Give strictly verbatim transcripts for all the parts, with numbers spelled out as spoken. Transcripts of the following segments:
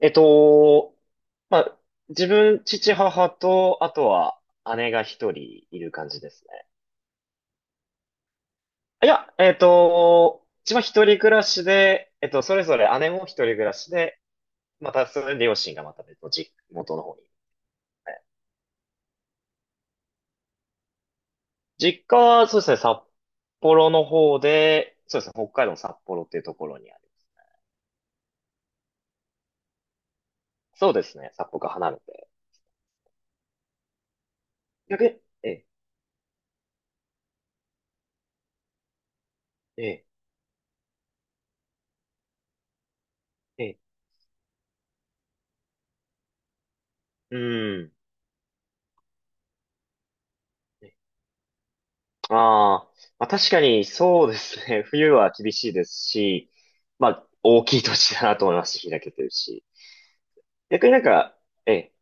えっと、まあ、自分、父、母と、あとは姉が一人いる感じですね。いや、えっと、自分は一人暮らしで、えっと、それぞれ姉も一人暮らしで、また、それで両親がまた別の実元の方にいるので。実家は、そうですね、札幌の方で、そうですね、北海道の札幌っていうところにあります。そうですね、札幌が離れて。逆に、ええ、ええ、ええ、うん。ああ、まあ確かにそうですね。冬は厳しいですし、まあ大きい土地だなと思いますし、開けてるし。逆になんか、ええ、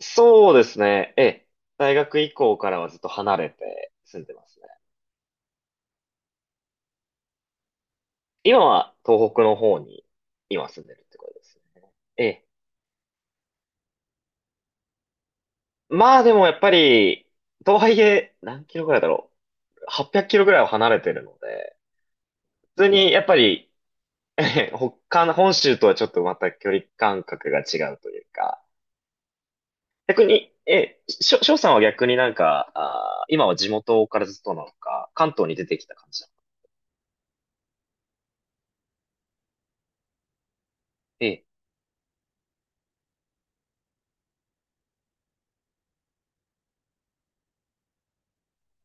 そうですね。ええ、大学以降からはずっと離れて住んでますね。今は東北の方に今住んでるってことですね。ええ、まあでもやっぱり、とはいえ何キロぐらいだろう。はっぴゃくキロぐらいは離れてるので、普通にやっぱり、ええ、他の本州とはちょっとまた距離感覚が違うというか、逆に、え、しょ、しょうさんは逆になんか、あー、今は地元からずっとなのか、関東に出てきた感じなのか。ええ、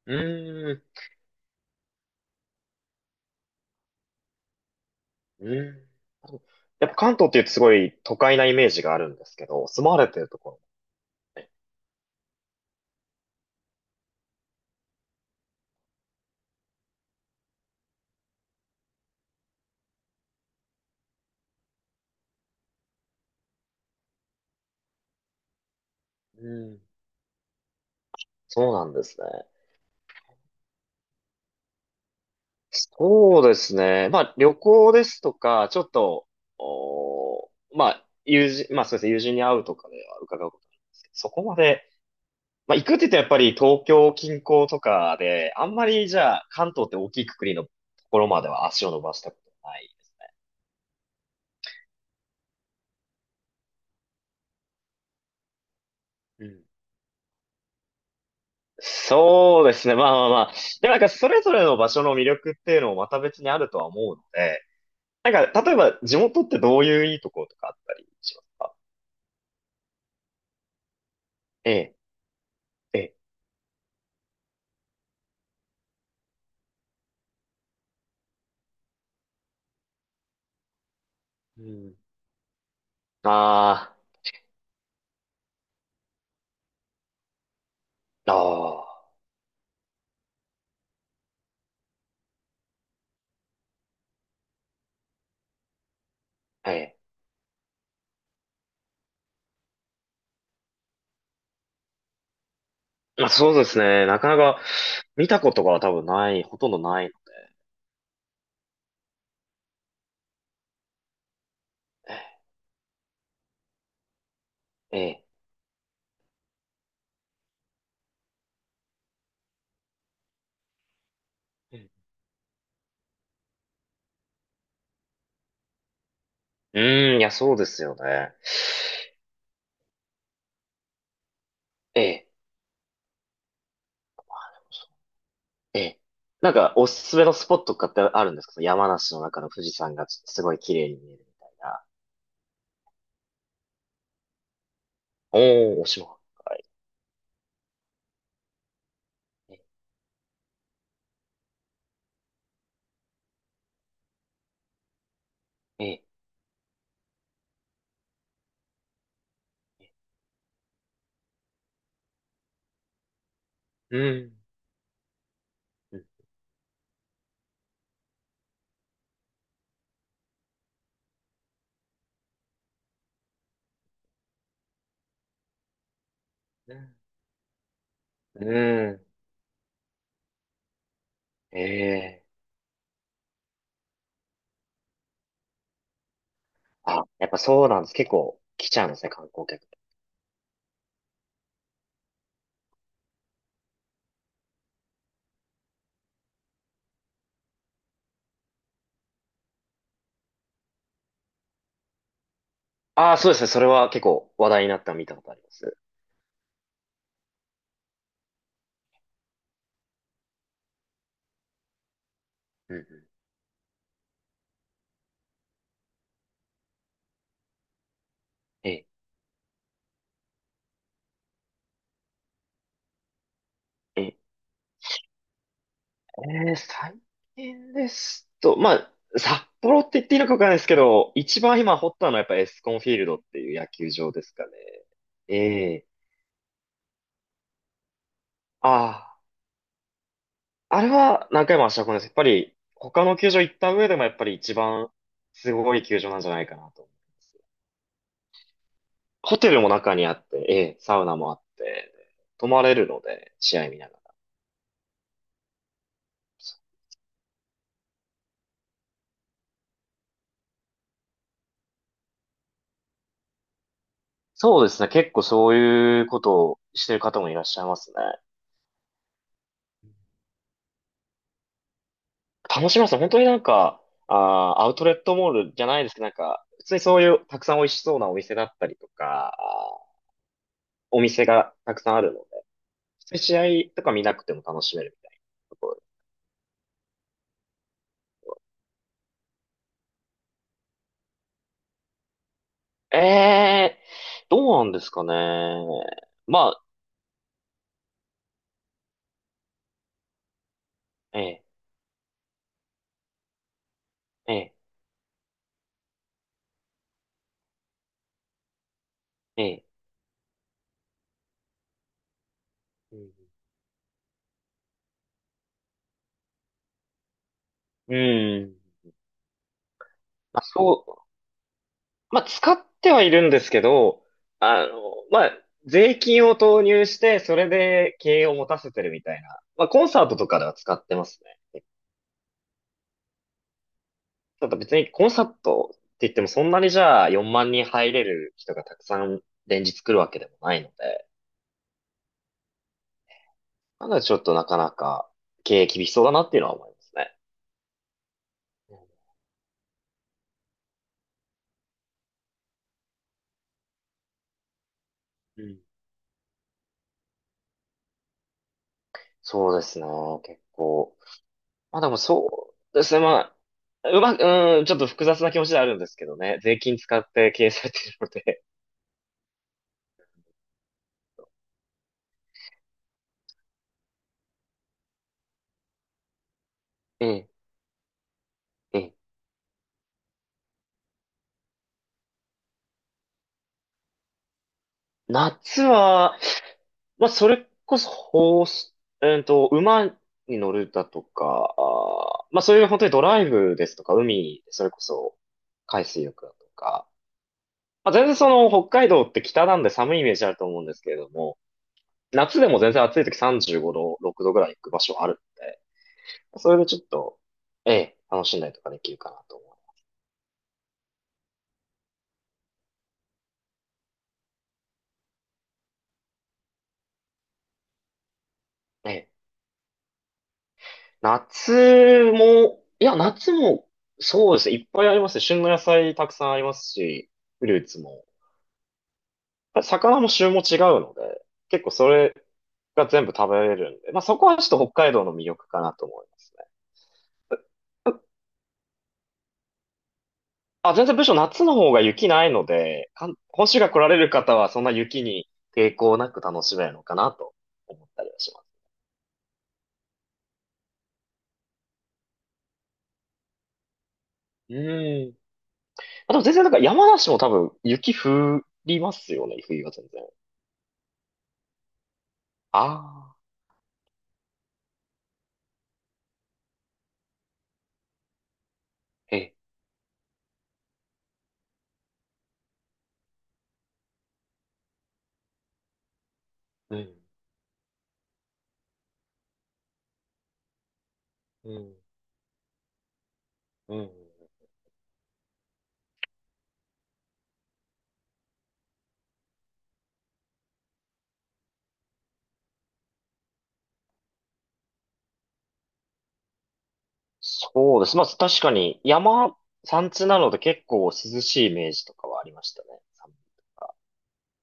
うーん、うーん。やっぱ関東って言うとすごい都会なイメージがあるんですけど、住まわれてるところもね。うん、そうなんですね。そうですね。まあ旅行ですとか、ちょっと、おーまあ友人、まあそうですね、友人に会うとかでは伺うことなんですけど、そこまでまあ、行くって言ってやっぱり東京近郊とかで、あんまりじゃあ関東って大きいくくりのところまでは足を伸ばしたことない。うん。そうですね。まあまあまあ。でもなんかそれぞれの場所の魅力っていうのもまた別にあるとは思うので、なんか例えば地元ってどういういいところとかあったりします？ええ、ええ。うん。ああ、ああ、はい。まあそうですね。なかなか見たことが多分ない、ほとんどないので。ええ。ううん、いや、そうですよね。ええ、ええ。なんか、おすすめのスポットとかってあるんですか、その山梨の中の富士山がすごい綺麗に見えるみたいな。おー、おしまい。ええ、ええ。うん。うん。うん。ええ。あ、やっぱそうなんです。結構来ちゃうんですね、観光客。ああ、そうですね。それは結構話題になったの見たことあります。うんうん。ええ、ええ、ええ、最近ですと、まあ、札幌って言っていいのかわかんないですけど、一番今掘ったのはやっぱエスコンフィールドっていう野球場ですかね。えああ、あれは何回も足を運んでます。やっぱり他の球場行った上でもやっぱり一番すごい球場なんじゃないかなと思います。ホテルも中にあって、ええ、サウナもあって、泊まれるので、試合見ながら。そうですね。結構そういうことをしてる方もいらっしゃいますね。楽しみますね。本当になんか、あーアウトレットモールじゃないですけど、なんか、普通にそういうたくさん美味しそうなお店だったりとか、あーお店がたくさんあるので、普通に試合とか見なくても楽しめるみたいな。ええー、どうなんですかね。まあ、ええ、ええ、ええ。うん。うん、まあ、そう、まあ、使ってはいるんですけど、あの、まあ、税金を投入して、それで経営を持たせてるみたいな。まあ、コンサートとかでは使ってますね。ただ別にコンサートって言ってもそんなにじゃあよんまん人入れる人がたくさん連日来るわけでもないので、まだちょっとなかなか経営厳しそうだなっていうのは思いますね。うん、そうですね、結構。まあでもそうですね、まあ、うまく、うん、ちょっと複雑な気持ちではあるんですけどね。税金使って経営されているので。ええ、ええ。夏は、まあそれこそ、ホース、えっと、馬に乗るだとか、あーまあそういう本当にドライブですとか、海、それこそ、海水浴だとか。まあ全然その、北海道って北なんで寒いイメージあると思うんですけれども、夏でも全然暑い時さんじゅうごど、ろくどぐらい行く場所あるんで。それでちょっと、ええ、楽しんだりとかできるかなと思う。ええ、夏も、いや、夏も、そうですね、いっぱいありますね。旬の野菜たくさんありますし、フルーツも。魚も旬も違うので、結構それが全部食べれるんで、まあそこはちょっと北海道の魅力かなと思いますね。あ、全然むしろ夏の方が雪ないので、かん本州が来られる方はそんな雪に抵抗なく楽しめるのかなと思ったりはします。うん。あと全然なんか山梨も多分雪降りますよね、冬は全然。ああ、え、うん、うん、うん。そうです。まあ確かに山、山地なので結構涼しいイメージとかはありましたね。